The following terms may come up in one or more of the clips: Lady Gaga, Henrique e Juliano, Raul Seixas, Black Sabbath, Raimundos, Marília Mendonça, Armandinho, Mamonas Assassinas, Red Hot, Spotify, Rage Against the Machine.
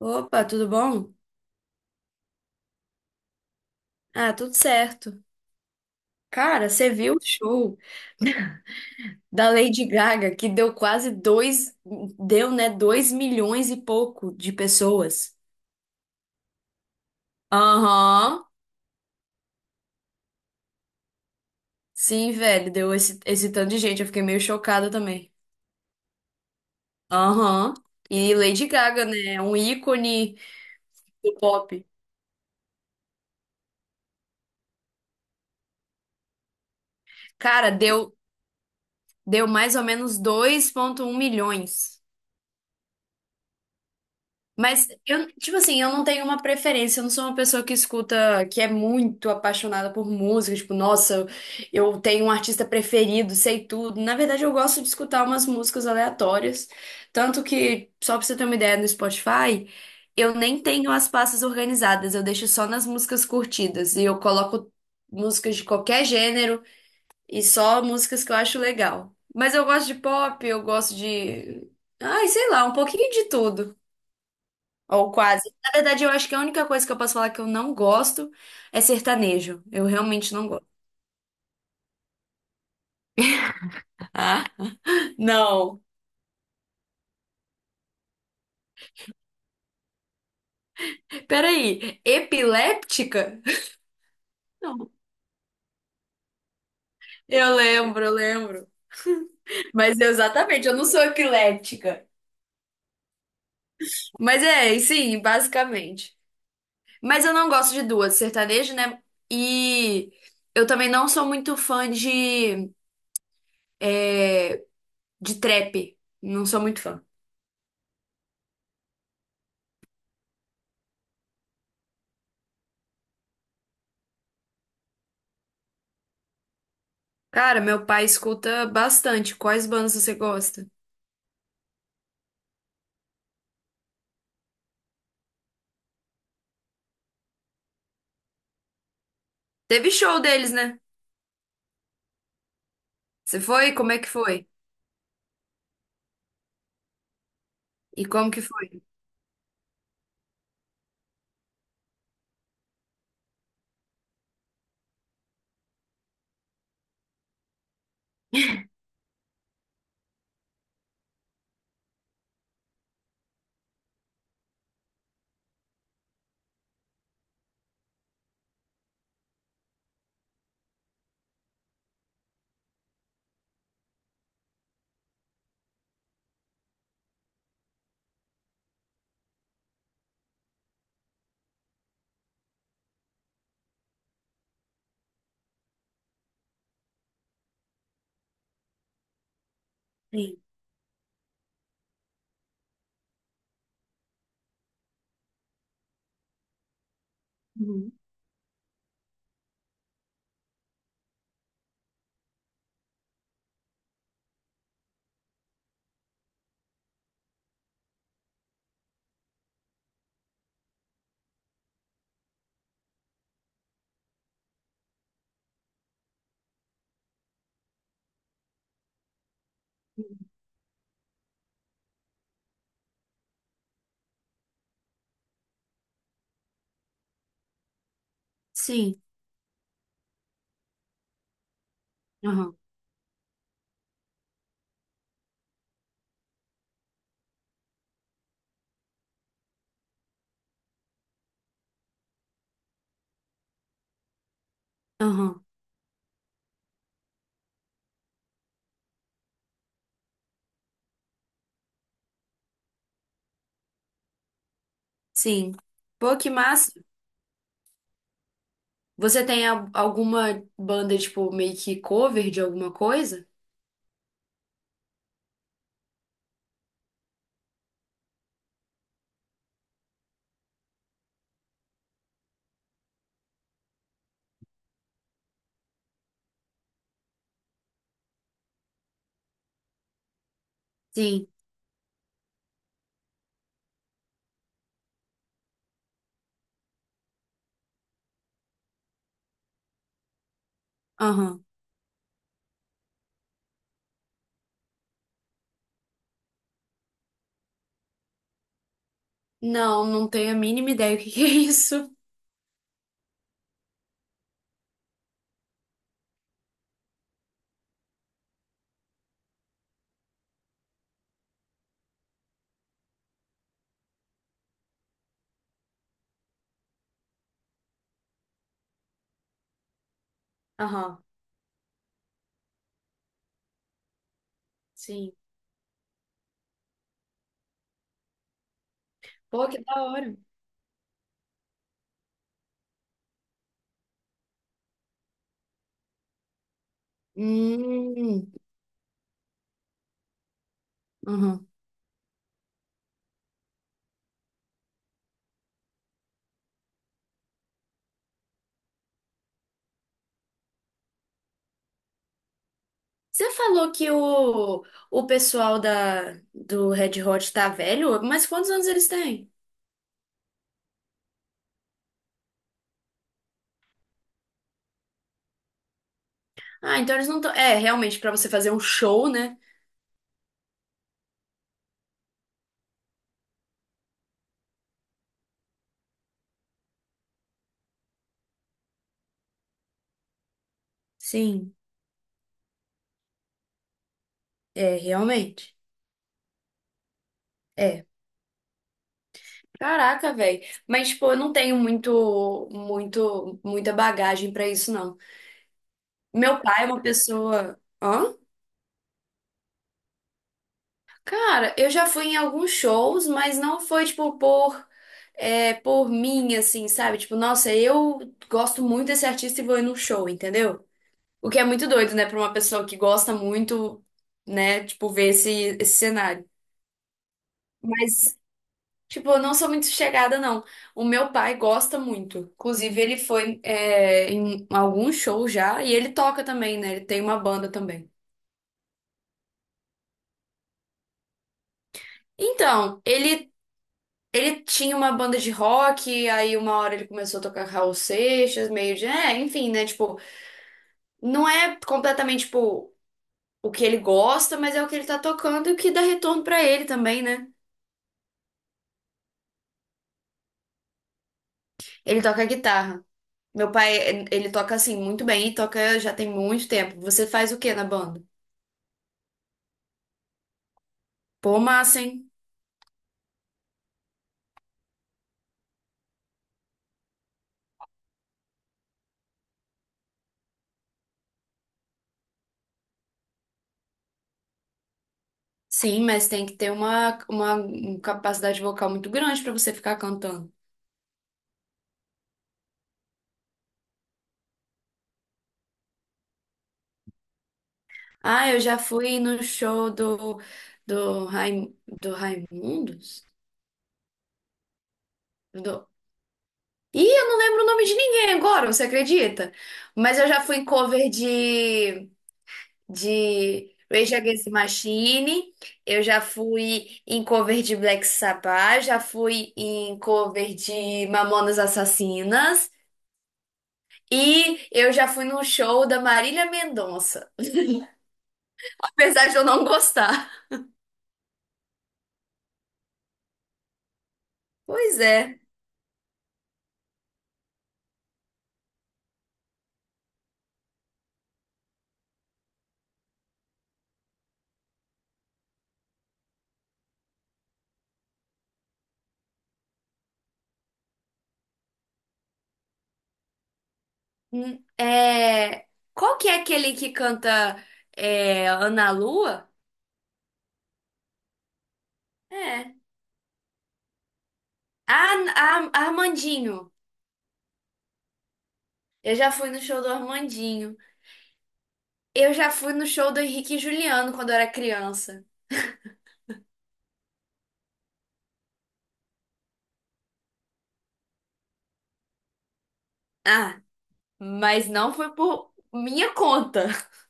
Opa, tudo bom? Ah, tudo certo. Cara, você viu o show da Lady Gaga que deu quase deu, né, 2 milhões e pouco de pessoas? Aham. Sim, velho, deu esse tanto de gente. Eu fiquei meio chocada também. Aham. E Lady Gaga, né? É um ícone do pop. Cara, deu mais ou menos 2,1 milhões. Mas eu, tipo assim, eu não tenho uma preferência, eu não sou uma pessoa que escuta, que é muito apaixonada por música, tipo, nossa, eu tenho um artista preferido, sei tudo. Na verdade, eu gosto de escutar umas músicas aleatórias, tanto que, só pra você ter uma ideia, no Spotify, eu nem tenho as pastas organizadas, eu deixo só nas músicas curtidas e eu coloco músicas de qualquer gênero e só músicas que eu acho legal. Mas eu gosto de pop, eu gosto de, ai, sei lá, um pouquinho de tudo. Ou quase. Na verdade, eu acho que a única coisa que eu posso falar que eu não gosto é sertanejo. Eu realmente não gosto. Ah, não. Peraí, epiléptica? Não. Eu lembro, eu lembro. Mas exatamente, eu não sou epiléptica. Mas é, e sim, basicamente. Mas eu não gosto de duas, sertanejo, né? E eu também não sou muito fã é, de trap. Não sou muito fã. Cara, meu pai escuta bastante. Quais bandas você gosta? Teve show deles, né? Você foi? Como é que foi? E como que foi? Sim. Aham. Aham. Sim. Pô, que massa. Você tem alguma banda, tipo, meio que cover de alguma coisa? Sim. Aham. Não, não tenho a mínima ideia o que que é isso. Aham. Sim. Pô, que da hora. Hum. Aham. Você falou que o pessoal da, do Red Hot tá velho, mas quantos anos eles têm? Ah, então eles não estão. É, realmente, pra você fazer um show, né? Sim, é, realmente. É. Caraca, velho. Mas, tipo, eu não tenho muito, muito, muita bagagem pra isso, não. Meu pai é uma pessoa. Hã? Cara, eu já fui em alguns shows, mas não foi, tipo, por mim, assim, sabe? Tipo, nossa, eu gosto muito desse artista e vou ir num show, entendeu? O que é muito doido, né, pra uma pessoa que gosta muito, né, tipo, ver esse cenário. Mas tipo, eu não sou muito chegada, não. O meu pai gosta muito. Inclusive, ele foi, em algum show já e ele toca também, né? Ele tem uma banda também. Então, ele tinha uma banda de rock, aí uma hora ele começou a tocar Raul Seixas, meio de. É, enfim, né? Tipo, não é completamente, tipo, o que ele gosta, mas é o que ele tá tocando e o que dá retorno pra ele também, né? Ele toca guitarra. Meu pai, ele toca assim muito bem e toca já tem muito tempo. Você faz o quê na banda? Pô, massa, hein? Sim, mas tem que ter uma capacidade vocal muito grande para você ficar cantando. Ah, eu já fui no show do Raimundos? Do... Ih, eu não lembro o nome de ninguém agora, você acredita? Mas eu já fui em cover de, Rage Against the Machine, eu já fui em cover de Black Sabbath, já fui em cover de Mamonas Assassinas e eu já fui no show da Marília Mendonça. Apesar de eu não gostar. Pois é. Hum. É... Qual que é aquele que canta Ana Lua? É. Ah, Armandinho. Eu já fui no show do Armandinho. Eu já fui no show do Henrique e Juliano quando eu era criança. Ah, mas não foi por minha conta.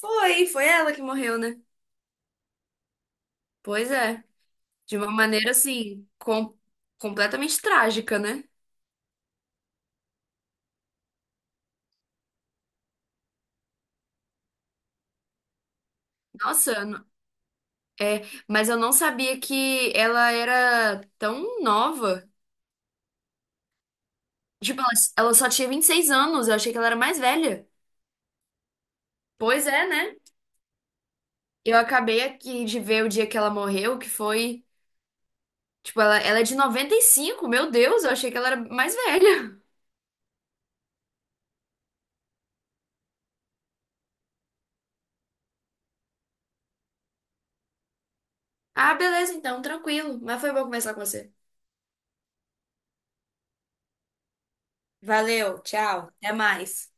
Foi, foi ela que morreu, né? Pois é. De uma maneira assim, com... completamente trágica, né? Nossa, é, mas eu não sabia que ela era tão nova. Tipo, ela, só tinha 26 anos, eu achei que ela era mais velha. Pois é, né? Eu acabei aqui de ver o dia que ela morreu, que foi. Tipo, ela é de 95. Meu Deus, eu achei que ela era mais velha. Ah, beleza, então, tranquilo. Mas foi bom conversar com você. Valeu, tchau. Até mais.